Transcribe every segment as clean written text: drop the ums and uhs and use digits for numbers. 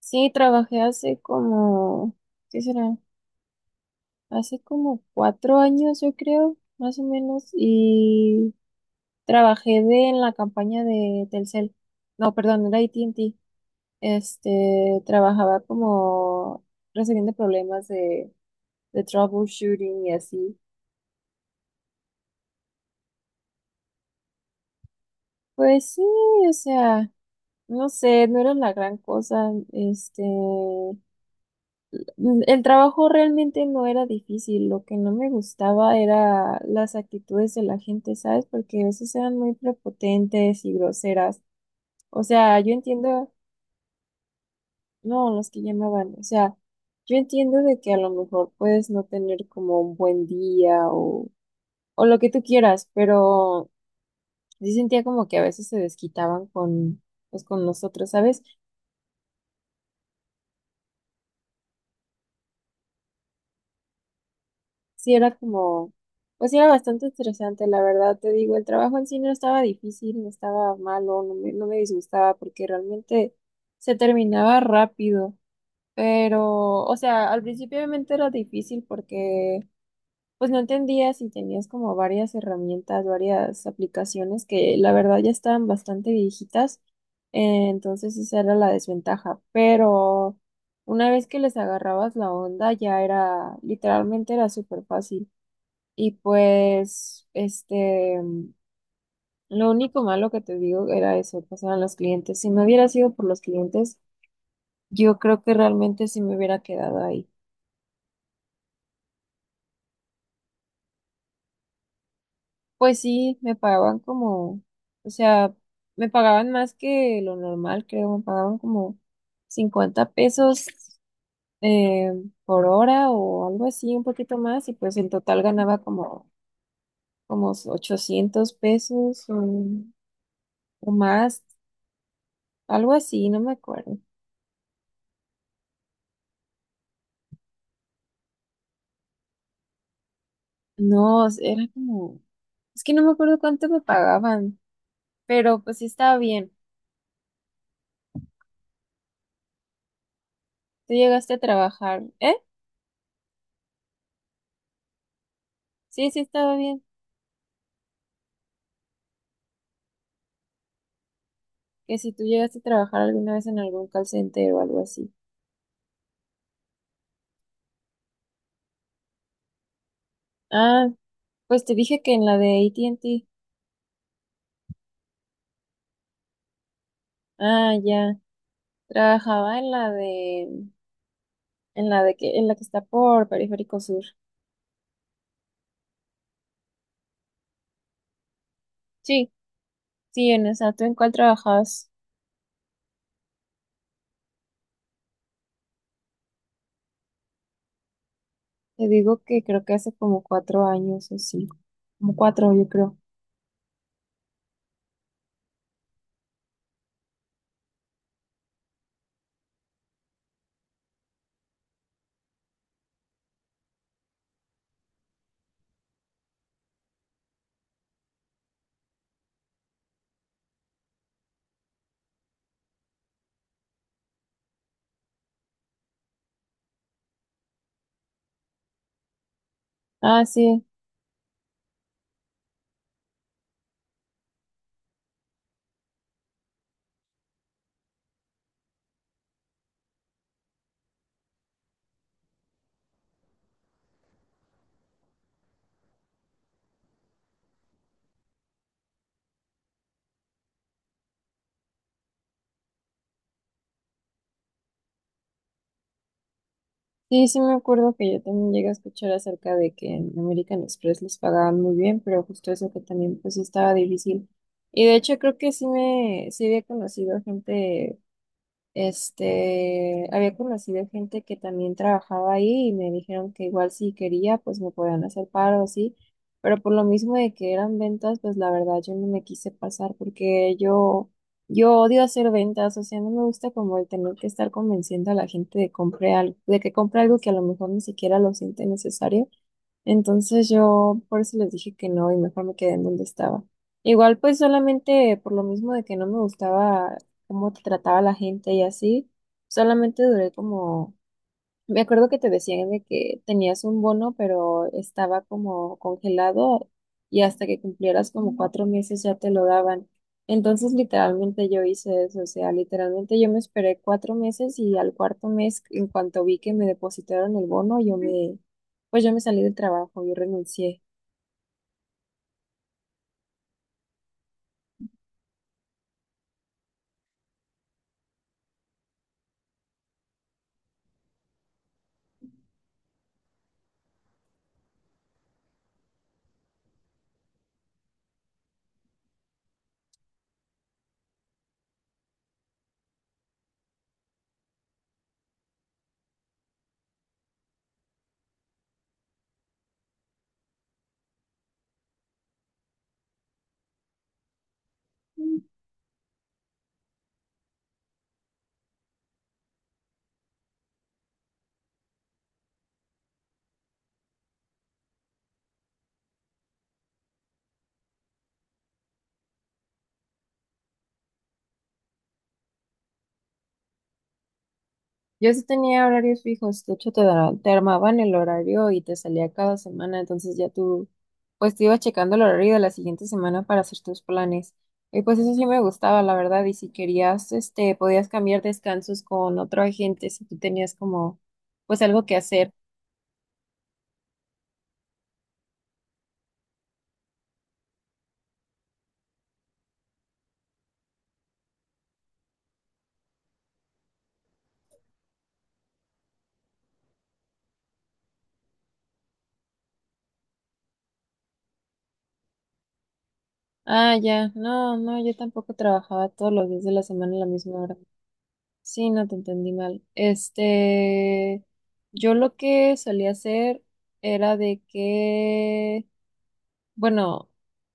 Sí, trabajé hace como, ¿qué será? Hace como 4 años, yo creo, más o menos, y trabajé de, en la campaña de Telcel. No, perdón, era A T and T. Trabajaba como resolviendo problemas de troubleshooting y así. Pues sí, o sea, no sé, no era la gran cosa. El trabajo realmente no era difícil, lo que no me gustaba era las actitudes de la gente, ¿sabes? Porque a veces eran muy prepotentes y groseras. O sea, yo entiendo, no, los que llamaban, o sea, yo entiendo de que a lo mejor puedes no tener como un buen día o lo que tú quieras, pero sí sentía como que a veces se desquitaban con, pues, con nosotros, ¿sabes? Sí, era como, pues sí, era bastante estresante, la verdad, te digo, el trabajo en sí no estaba difícil, no estaba malo, no me disgustaba porque realmente se terminaba rápido, pero, o sea, al principio obviamente era difícil porque pues no entendías y tenías como varias herramientas, varias aplicaciones que la verdad ya estaban bastante viejitas, entonces esa era la desventaja, pero una vez que les agarrabas la onda ya era, literalmente era súper fácil. Y pues, lo único malo que te digo era eso, pasaban los clientes. Si no hubiera sido por los clientes, yo creo que realmente sí me hubiera quedado ahí. Pues sí, me pagaban como, o sea, me pagaban más que lo normal, creo, me pagaban como 50 pesos eh, por hora o algo así, un poquito más, y pues en total ganaba como, como 800 pesos o más, algo así, no me acuerdo. No, era como, es que no me acuerdo cuánto me pagaban, pero pues sí estaba bien. Tú llegaste a trabajar, ¿eh? Sí, sí estaba bien. Que si tú llegaste a trabajar alguna vez en algún call center o algo así. Ah, pues te dije que en la de AT&T. Ah, ya. Trabajaba en en la de que, en la que está por Periférico Sur. Sí, sí, en esa. ¿Tú en cuál trabajabas? Te digo que creo que hace como 4 años o 5, como cuatro, yo creo. Ah, sí. Sí, sí me acuerdo que yo también llegué a escuchar acerca de que en American Express les pagaban muy bien, pero justo eso que también pues sí estaba difícil. Y de hecho creo que sí había conocido gente había conocido gente que también trabajaba ahí y me dijeron que igual si quería, pues me podían hacer paro así, pero por lo mismo de que eran ventas, pues la verdad yo no me quise pasar porque yo odio hacer ventas, o sea, no me gusta como el tener que estar convenciendo a la gente de que compre algo que a lo mejor ni siquiera lo siente necesario. Entonces yo por eso les dije que no y mejor me quedé en donde estaba. Igual pues solamente por lo mismo de que no me gustaba cómo te trataba la gente y así, solamente duré como me acuerdo que te decían de que tenías un bono, pero estaba como congelado y hasta que cumplieras como 4 meses ya te lo daban. Entonces, literalmente yo hice eso, o sea, literalmente yo me esperé 4 meses y al cuarto mes, en cuanto vi que me depositaron el bono, pues yo me salí del trabajo, yo renuncié. Yo sí tenía horarios fijos, de hecho te armaban el horario y te salía cada semana, entonces ya tú, pues te ibas checando el horario de la siguiente semana para hacer tus planes. Y pues eso sí me gustaba, la verdad, y si querías, podías cambiar descansos con otro agente si tú tenías como, pues algo que hacer. Ah, ya, no, no, yo tampoco trabajaba todos los días de la semana a la misma hora. Sí, no te entendí mal. Yo lo que solía hacer era de que... Bueno,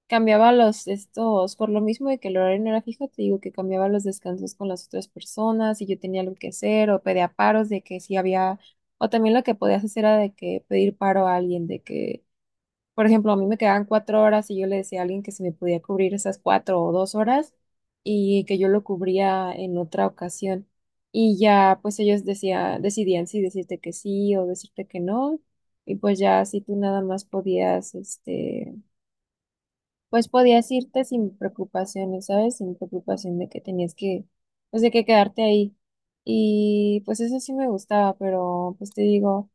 cambiaba los estos, por lo mismo de que el horario no era fijo, te digo que cambiaba los descansos con las otras personas y yo tenía algo que hacer o pedía paros de que si había, o también lo que podías hacer era de que pedir paro a alguien, de que, por ejemplo, a mí me quedaban 4 horas y yo le decía a alguien que se me podía cubrir esas 4 o 2 horas y que yo lo cubría en otra ocasión. Y ya, pues decidían si decirte que sí o decirte que no. Y pues ya, si tú nada más podías, pues podías irte sin preocupaciones, ¿sabes? Sin preocupación de que tenías que, pues de que quedarte ahí. Y pues eso sí me gustaba, pero pues te digo,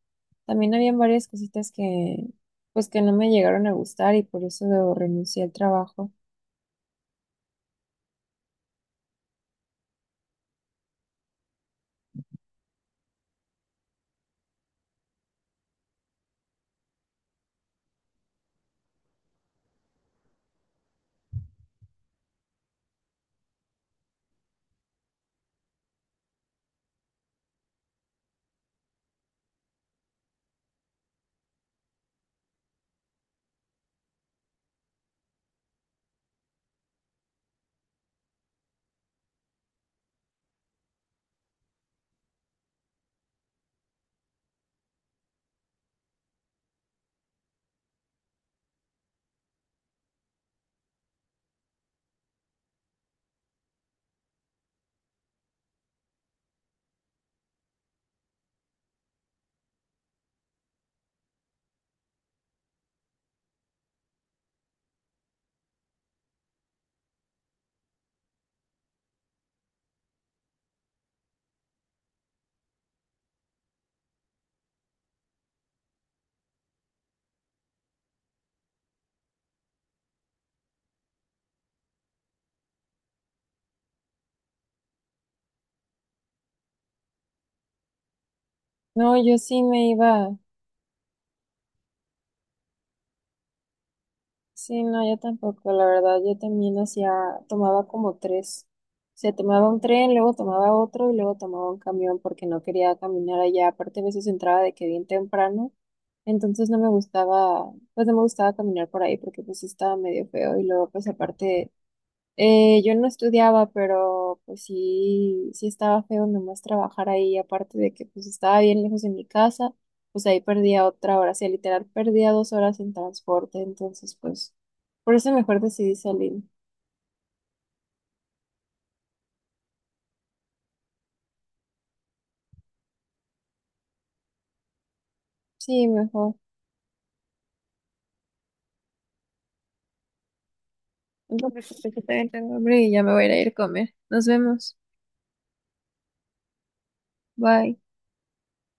también habían varias cositas que, pues que no me llegaron a gustar y por eso renuncié al trabajo. No, yo sí me iba. Sí, no, yo tampoco, la verdad, yo también hacía, tomaba como tres. O sea, tomaba un tren, luego tomaba otro y luego tomaba un camión porque no quería caminar allá. Aparte, a veces entraba de que bien temprano, entonces no me gustaba, pues no me gustaba caminar por ahí porque pues estaba medio feo y luego pues aparte yo no estudiaba, pero pues sí, sí estaba feo nomás trabajar ahí, aparte de que pues estaba bien lejos de mi casa, pues ahí perdía otra hora, o sea, literal perdía 2 horas en transporte, entonces pues por eso mejor decidí salir. Sí, mejor. No me preocupes, yo también tengo hambre y ya me voy a ir a comer. Nos vemos. Bye.